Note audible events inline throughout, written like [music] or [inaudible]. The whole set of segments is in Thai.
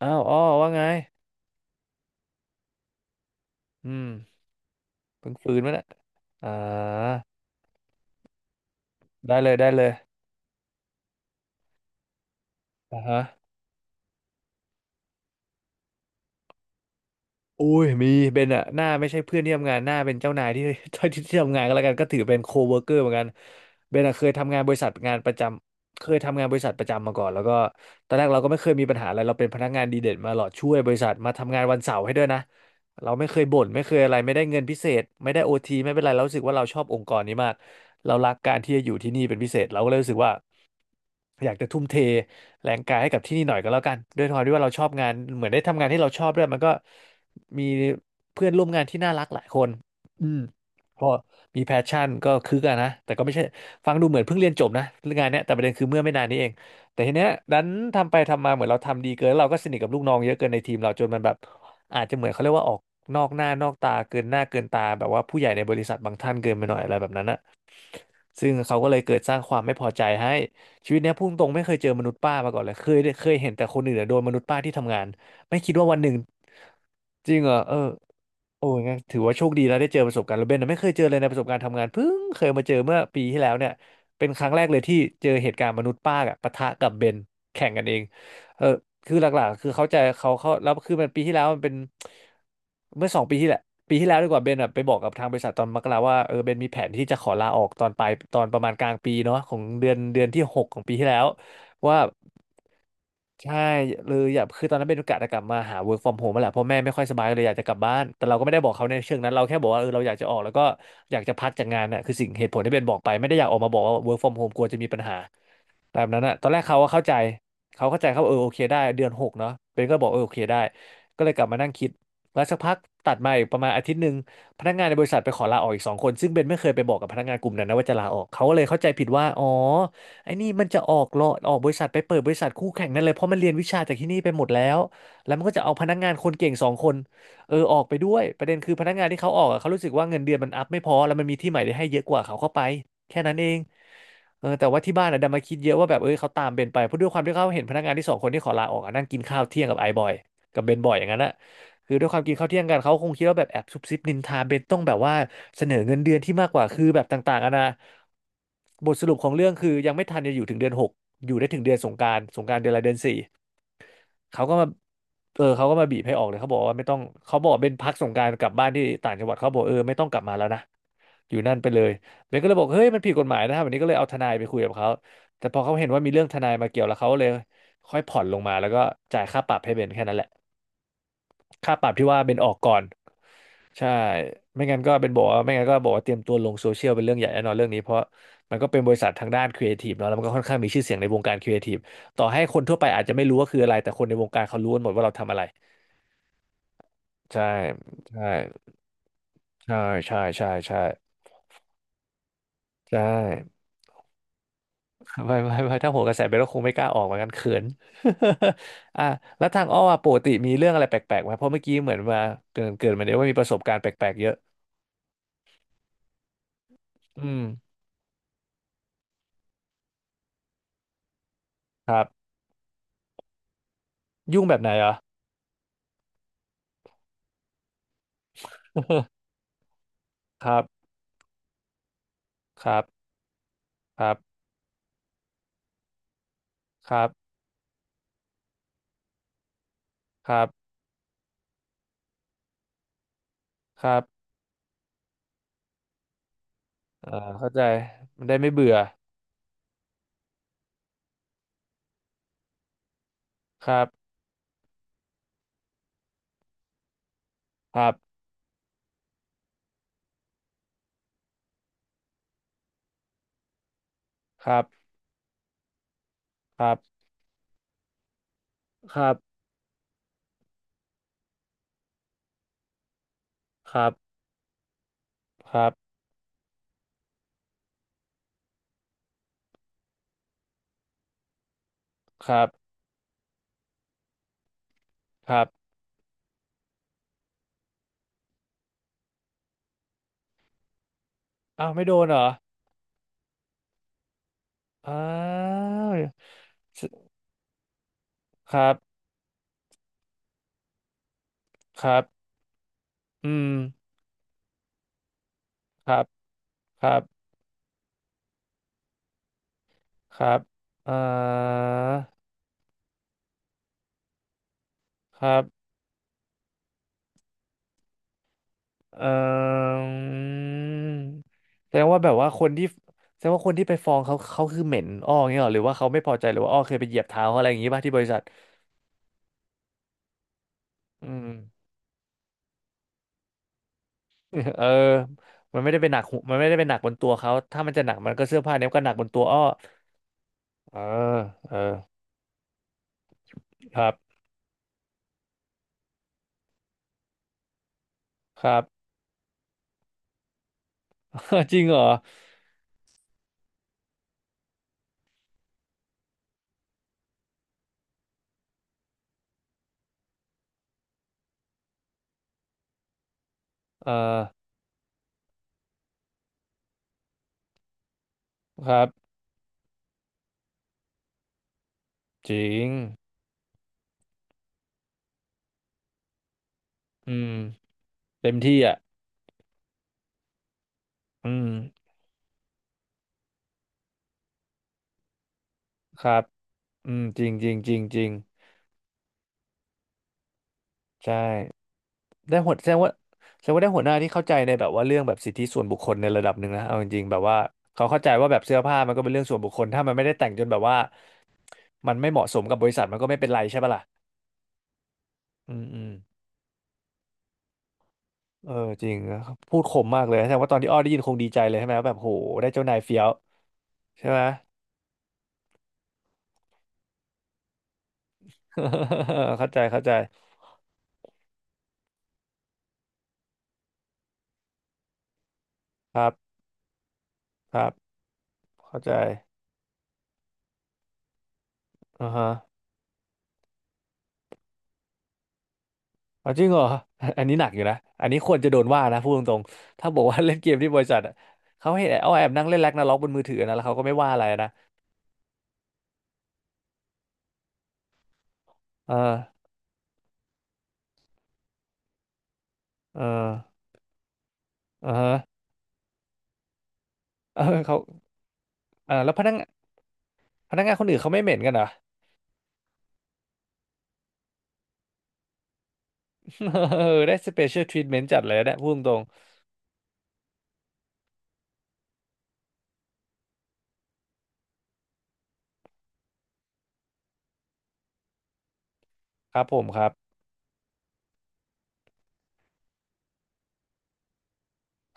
อ้าวอ้อว่าไงอืมเพิ่งฟื้นมาเน่ะอ่าได้เลย ได้เลยอ่าฮะ อุ้ยมีเป็นอะหน้าไม่ใช่เพื่อนที่ทำงานหน้าเป็นเจ้านายที่ [laughs] ที่ที่ทำงานก็แล้วกันก็ถือเป็นโคเวิร์กเกอร์เหมือนกันเบนอะเคยทำงานบริษัทงานประจำเคยทำงานบริษัทประจำมาก่อนแล้วก็ตอนแรกเราก็ไม่เคยมีปัญหาอะไรเราเป็นพนักงานดีเด่นมาหลอดช่วยบริษัทมาทำงานวันเสาร์ให้ด้วยนะเราไม่เคยบ่นไม่เคยอะไรไม่ได้เงินพิเศษไม่ได้โอทีไม่เป็นไรเรารู้สึกว่าเราชอบองค์กรนี้มากเรารักการที่จะอยู่ที่นี่เป็นพิเศษเราก็เลยรู้สึกว่าอยากจะทุ่มเทแรงกายให้กับที่นี่หน่อยก็แล้วกันด้วยความที่ว่าเราชอบงานเหมือนได้ทำงานที่เราชอบด้วยมันก็ มีเพื่อนร่วมงานที่น่ารักหลายคนอืมพอมีแพชชั่นก็คือกันนะแต่ก็ไม่ใช่ฟังดูเหมือนเพิ่งเรียนจบนะเรื่องงานเนี้ยแต่ประเด็นคือเมื่อไม่นานนี้เองแต่ทีเนี้ยดันทำไปทำมาเหมือนเราทำดีเกินแล้วเราก็สนิทกับลูกน้องเยอะเกินในทีมเราจนมันแบบอาจจะเหมือนเขาเรียกว่าออกนอกหน้านอกตาเกินหน้าเกินตาแบบว่าผู้ใหญ่ในบริษัทบางท่านเกินไปหน่อยอะไรแบบนั้นะ ซึ่งเขาก็เลยเกิดสร้างความไม่พอใจให้ชีวิตเนี้ยพุ่งตรงไม่เคยเจอมนุษย์ป้ามาก่อนเลยเคยเห็นแต่คนอื่นอะโดนมนุษย์ป้าที่ทำงานไม่คิดว่าวันหนึ่งจริงเหรอเออโอ้ยงั้นถือว่าโชคดีแล้วได้เจอประสบการณ์แล้วเบนน่ะไม่เคยเจอเลยในประสบการณ์ทำงานเพิ่งเคยมาเจอเมื่อปีที่แล้วเนี่ยเป็นครั้งแรกเลยที่เจอเหตุการณ์มนุษย์ป้าอะปะทะกับเบนแข่งกันเอง เออคือหลักๆคือเขาใจเขาแล้วคือมันปีที่แล้วมันเป็นเมื่อ2 ปีที่แหละปีที่แล้วดีกว่าเบนอะไปบอกกับทางบริษัทตอนมกราว่าเออเบนมีแผนที่จะขอลาออกตอนปลายตอนประมาณกลางปีเนาะของเดือนที่หกของปีที่แล้วว่า ใช่เลยอยากคือตอนนั้นเป็นโอกาสจะกลับมาหา work from home แลแหละเพราะแม่ไม่ค่อยสบายเลยอยากจะกลับบ้านแต่เราก็ไม่ได้บอกเขาในเชิงนั้นเราแค่บอกว่าเออเราอยากจะออกแล้วก็อยากจะพักจากงานน่ะคือสิ่งเหตุผลที่เป็นบอกไปไม่ได้อยากออกมาบอกว่า work from home กลัวจะมีปัญหาแบบนั้นน่ะตอนแรกเขาก็เข้าใจเขาเข้าใจเขาเออโอเคได้เดือน 6เนาะเป็นก็บอกเออโอเคได้ก็เลยกลับมานั่งคิดแล้วสักพักตัดมาอีกประมาณอาทิตย์หนึ่งพนักงานในบริษัทไปขอลาออกอีก 2 คนซึ่งเบนไม่เคยไปบอกกับพนักงานกลุ่มนั้นนะว่าจะลาออกเขาก็เลยเข้าใจผิดว่าอ๋อ ไอ้นี่มันจะออกบริษัทไปเปิดบริษัทคู่แข่งนั่นเลยเพราะมันเรียนวิชาจากที่นี่ไปหมดแล้วแล้วมันก็จะเอาพนักงานคนเก่งสองคนเออออกไปด้วยประเด็นคือพนักงานที่เขาออกอะเขารู้สึกว่าเงินเดือนมันอัพไม่พอแล้วมันมีที่ใหม่ได้ให้เยอะกว่าเขาเข้าไปแค่นั้นเองเออแต่ว่าที่บ้านอะดันมาคิดเยอะว่าแบบเออเขาตามเบนไปเพราะด้วยความที่เขาเห็นพนักงานที่สองคนที่ขอลาออกอะนั่งกินข้าวเที่ยงกับไอ้บอยกับเบนบ่อยอย่างนั้นอะ คือด้วยความกินข้าวเที่ยงกันเขาคงคิดว่าแบบแอบซุบซิบนินทาเบนต้องแบบว่าเสนอเงินเดือนที่มากกว่าคือแบบต่างๆอะนะบทสรุปของเรื่องคือยังไม่ทันจะอยู่ถึงเดือนหกอยู่ได้ถึงเดือนสงกรานต์สงกรานต์เดือนละเดือนสี่เขาก็มาเขาก็มาบีบให้ออกเลยเขาบอกว่าไม่ต้องเขาบอกเป็นพักสงกรานต์กลับบ้านที่ต่างจังหวัดเขาบอกเออไม่ต้องกลับมาแล้วนะอยู่นั่นไปเลยเบนก็เลยบอกเฮ้ยมันผิดกฎหมายนะครับวันนี้ก็เลยเอาทนายไปคุยกับเขาแต่พอเขาเห็นว่ามีเรื่องทนายมาเกี่ยวแล้วเขาเลยค่อยผ่อนลงมาแล้วก็จ่ายค่าปรับให้เบนแค่นั้นแหละ ค่าปรับที่ว่าเป็นออกก่อนใช่ไม่งั้นก็เป็นบอกว่าไม่งั้นก็บอกว่าเตรียมตัวลงโซเชียลเป็นเรื่องใหญ่แน่นอนเรื่องนี้เพราะมันก็เป็นบริษัททางด้านครีเอทีฟเนาะแล้วมันก็ค่อนข้างมีชื่อเสียงในวงการครีเอทีฟต่อให้คนทั่วไปอาจจะไม่รู้ว่าคืออะไรแต่คนในวงการเขารู้กันหมดว่าเราทำอะไรใช่ใช่ใช่ใช่ใช่ใช่ใช่ไม่ไม่ไม่ถ้าโหนกระแสไปก็คงไม่กล้าออกเหมือนกันเขิน [laughs] อ่ะแล้วทางอ้ออะปกติมีเรื่องอะไรแปลกๆไหมเพราะเมื่อกี้เหมือนมาเกินมาเนี่ยว่ามีประสบการณ์แปลกๆเยอะอืมครับยุ่งแบบไหนเหรอ ครับครับครับครับครับครับเอ่าเข้าใจมันได้ไม่เบื่อครับครับครับครับครับครับครับครับครับอ้าวไม่โดนเหรออ้าวสครับครับอืมครับครับครับอ่าครับ เออแสดงว่าแบบว่าคนที่แสดงว่าคนที่ไปฟ้องเขาเขาคือเหม็นอ้ออย่างเงี้ยเหรอหรือว่าเขาไม่พอใจหรือว่าอ้อเคยไปเหยียบเท้าเขาอะไรอย่างงี้ป่ะที่บริษัทอืม [laughs] เออมันไม่ได้เป็นหนักหูมันไม่ได้เป็นหนักบนตัวเขาถ้ามันจะหนักมันก็เสื้อผ้าเนี้ยมันก็หนักบนตัวอ้อเออเออครับครับ [laughs] จริงเหรอเออครับจริงอืมเต็มที่อ่ะอืมครับอืมจริงจริงจริงจริงใช่ ได้หัวแสดงว่าแสดงว่าได้หัวหน้าที่เข้าใจในแบบว่าเรื่องแบบสิทธิส่วนบุคคลในระดับหนึ่งนะเอาจริงๆแบบว่าเขาเข้าใจว่าแบบเสื้อผ้ามันก็เป็นเรื่องส่วนบุคคลถ้ามันไม่ได้แต่งจนแบบว่ามันไม่เหมาะสมกับบริษัทมันก็ไม่เป็นไรใช่ปะล่ะอืมอืมเออจริงนะครับพูดคมมากเลยแสดงว่าตอนที่อ้อได้ยินคงดีใจเลยใช่ไหมว่าแบบโหได้เจ้านายเฟี้ยวใช่ไหม [laughs] เข้าใจเข้าใจครับครับเข้าใจอ่าฮะ อ๋อจริงเหรอ [laughs] อันนี้หนักอยู่นะ อันนี้ควรจะโดนว่านะพูดตรงๆถ้าบอกว่าเล่นเกมที่บริษัทอะเขาให้เอาแอบนั่งเล่นแร็กนาร็อกบนมือถือนะแล้วเขาก็ไม่ว่าอะไรนะเออเออเออ [laughs] เออเขาเออแล้วพนักงานคนอื่นเขาไม่เหม็นกันเหรอ [laughs] เออ [laughs] ได้สเปเชียลทรีทเมนต์จัดเลยนะพูดตรงๆครับผมครับ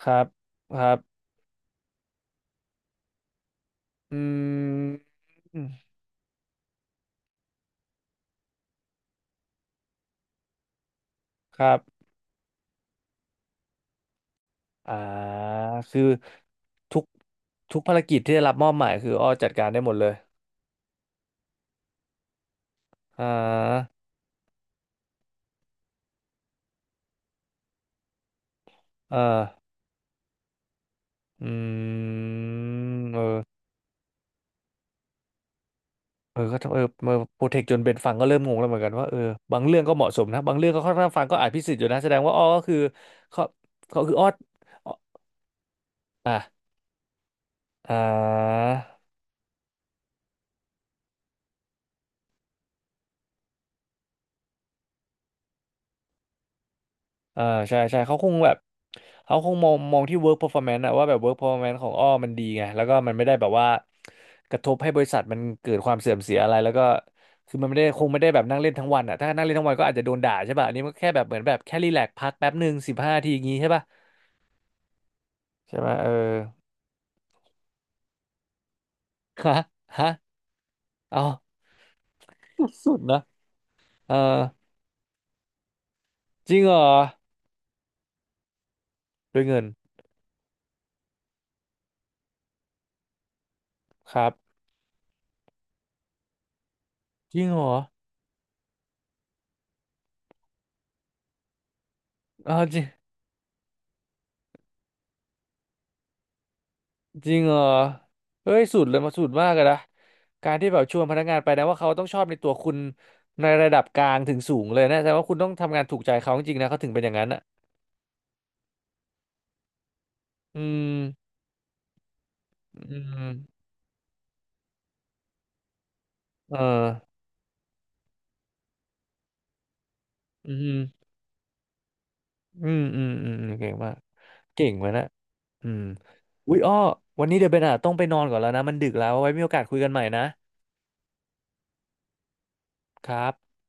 ครับครับอืมครับอ่าคือทุกภารกิจที่ได้รับมอบหมายคืออ้อจัดการได้หมดเลยอ่าเออ อืมเออเออก็เออเออโปรเทคจนเบนฟังก็เริ่มงงแล้วเหมือนกันว่าเออบางเรื่องก็เหมาะสมนะบางเรื่องก็ค่อนข้างฟังก็อาจพิสิทธิ์อยู่นะแสดงว่าอ้อก็คือเขาเขาคืออ้ออ้ออ่ะอ่าอ่าใช่ใช่เขาคงแบบเขาคงมองที่ work performance อะว่าแบบ work performance ของอ้อมันดีไงแล้วก็มันไม่ได้แบบว่ากระทบให้บริษัทมันเกิดความเสื่อมเสียอะไรแล้วก็คือมันไม่ได้คงไม่ได้แบบนั่งเล่นทั้งวันอะถ้านั่งเล่นทั้งวันก็อาจจะโดนด่าใช่ป่ะอันนี้มันแค่แบบเหมือนแบบแค่รีแลกซ์พักแป๊บหนึ่งสิบห้าทีอย่างงี้ใช่ป่ะ ใช่ไหมเออฮะฮะเอาสุดนะเออจริงเหรอด้วยเงินครับจริงเหรอเอาจริงจริงเหรอเฮ้ยสุดเลยมาสุดมากเลยนะการที่แบบชวนพนักงานไปนะว่าเขาต้องชอบในตัวคุณในระดับกลางถึงสูงเลยนะแต่ว่าคุณต้องทำงานถูกใจเขาจริงๆนะเขาถึงเป็นอย่างนั้นอ่ะอืมอืมเอออืมอืมอืมอืมอืมเก่งมากเก่งไว้นะอืมอุ๊ยอ้อวันนี้เดี๋ยวเบนอ่ะต้องไปนอนก่อนแล้วนะมันดึกแล้วไว้มีโอกาสคุยกันใหม่นะ ครับ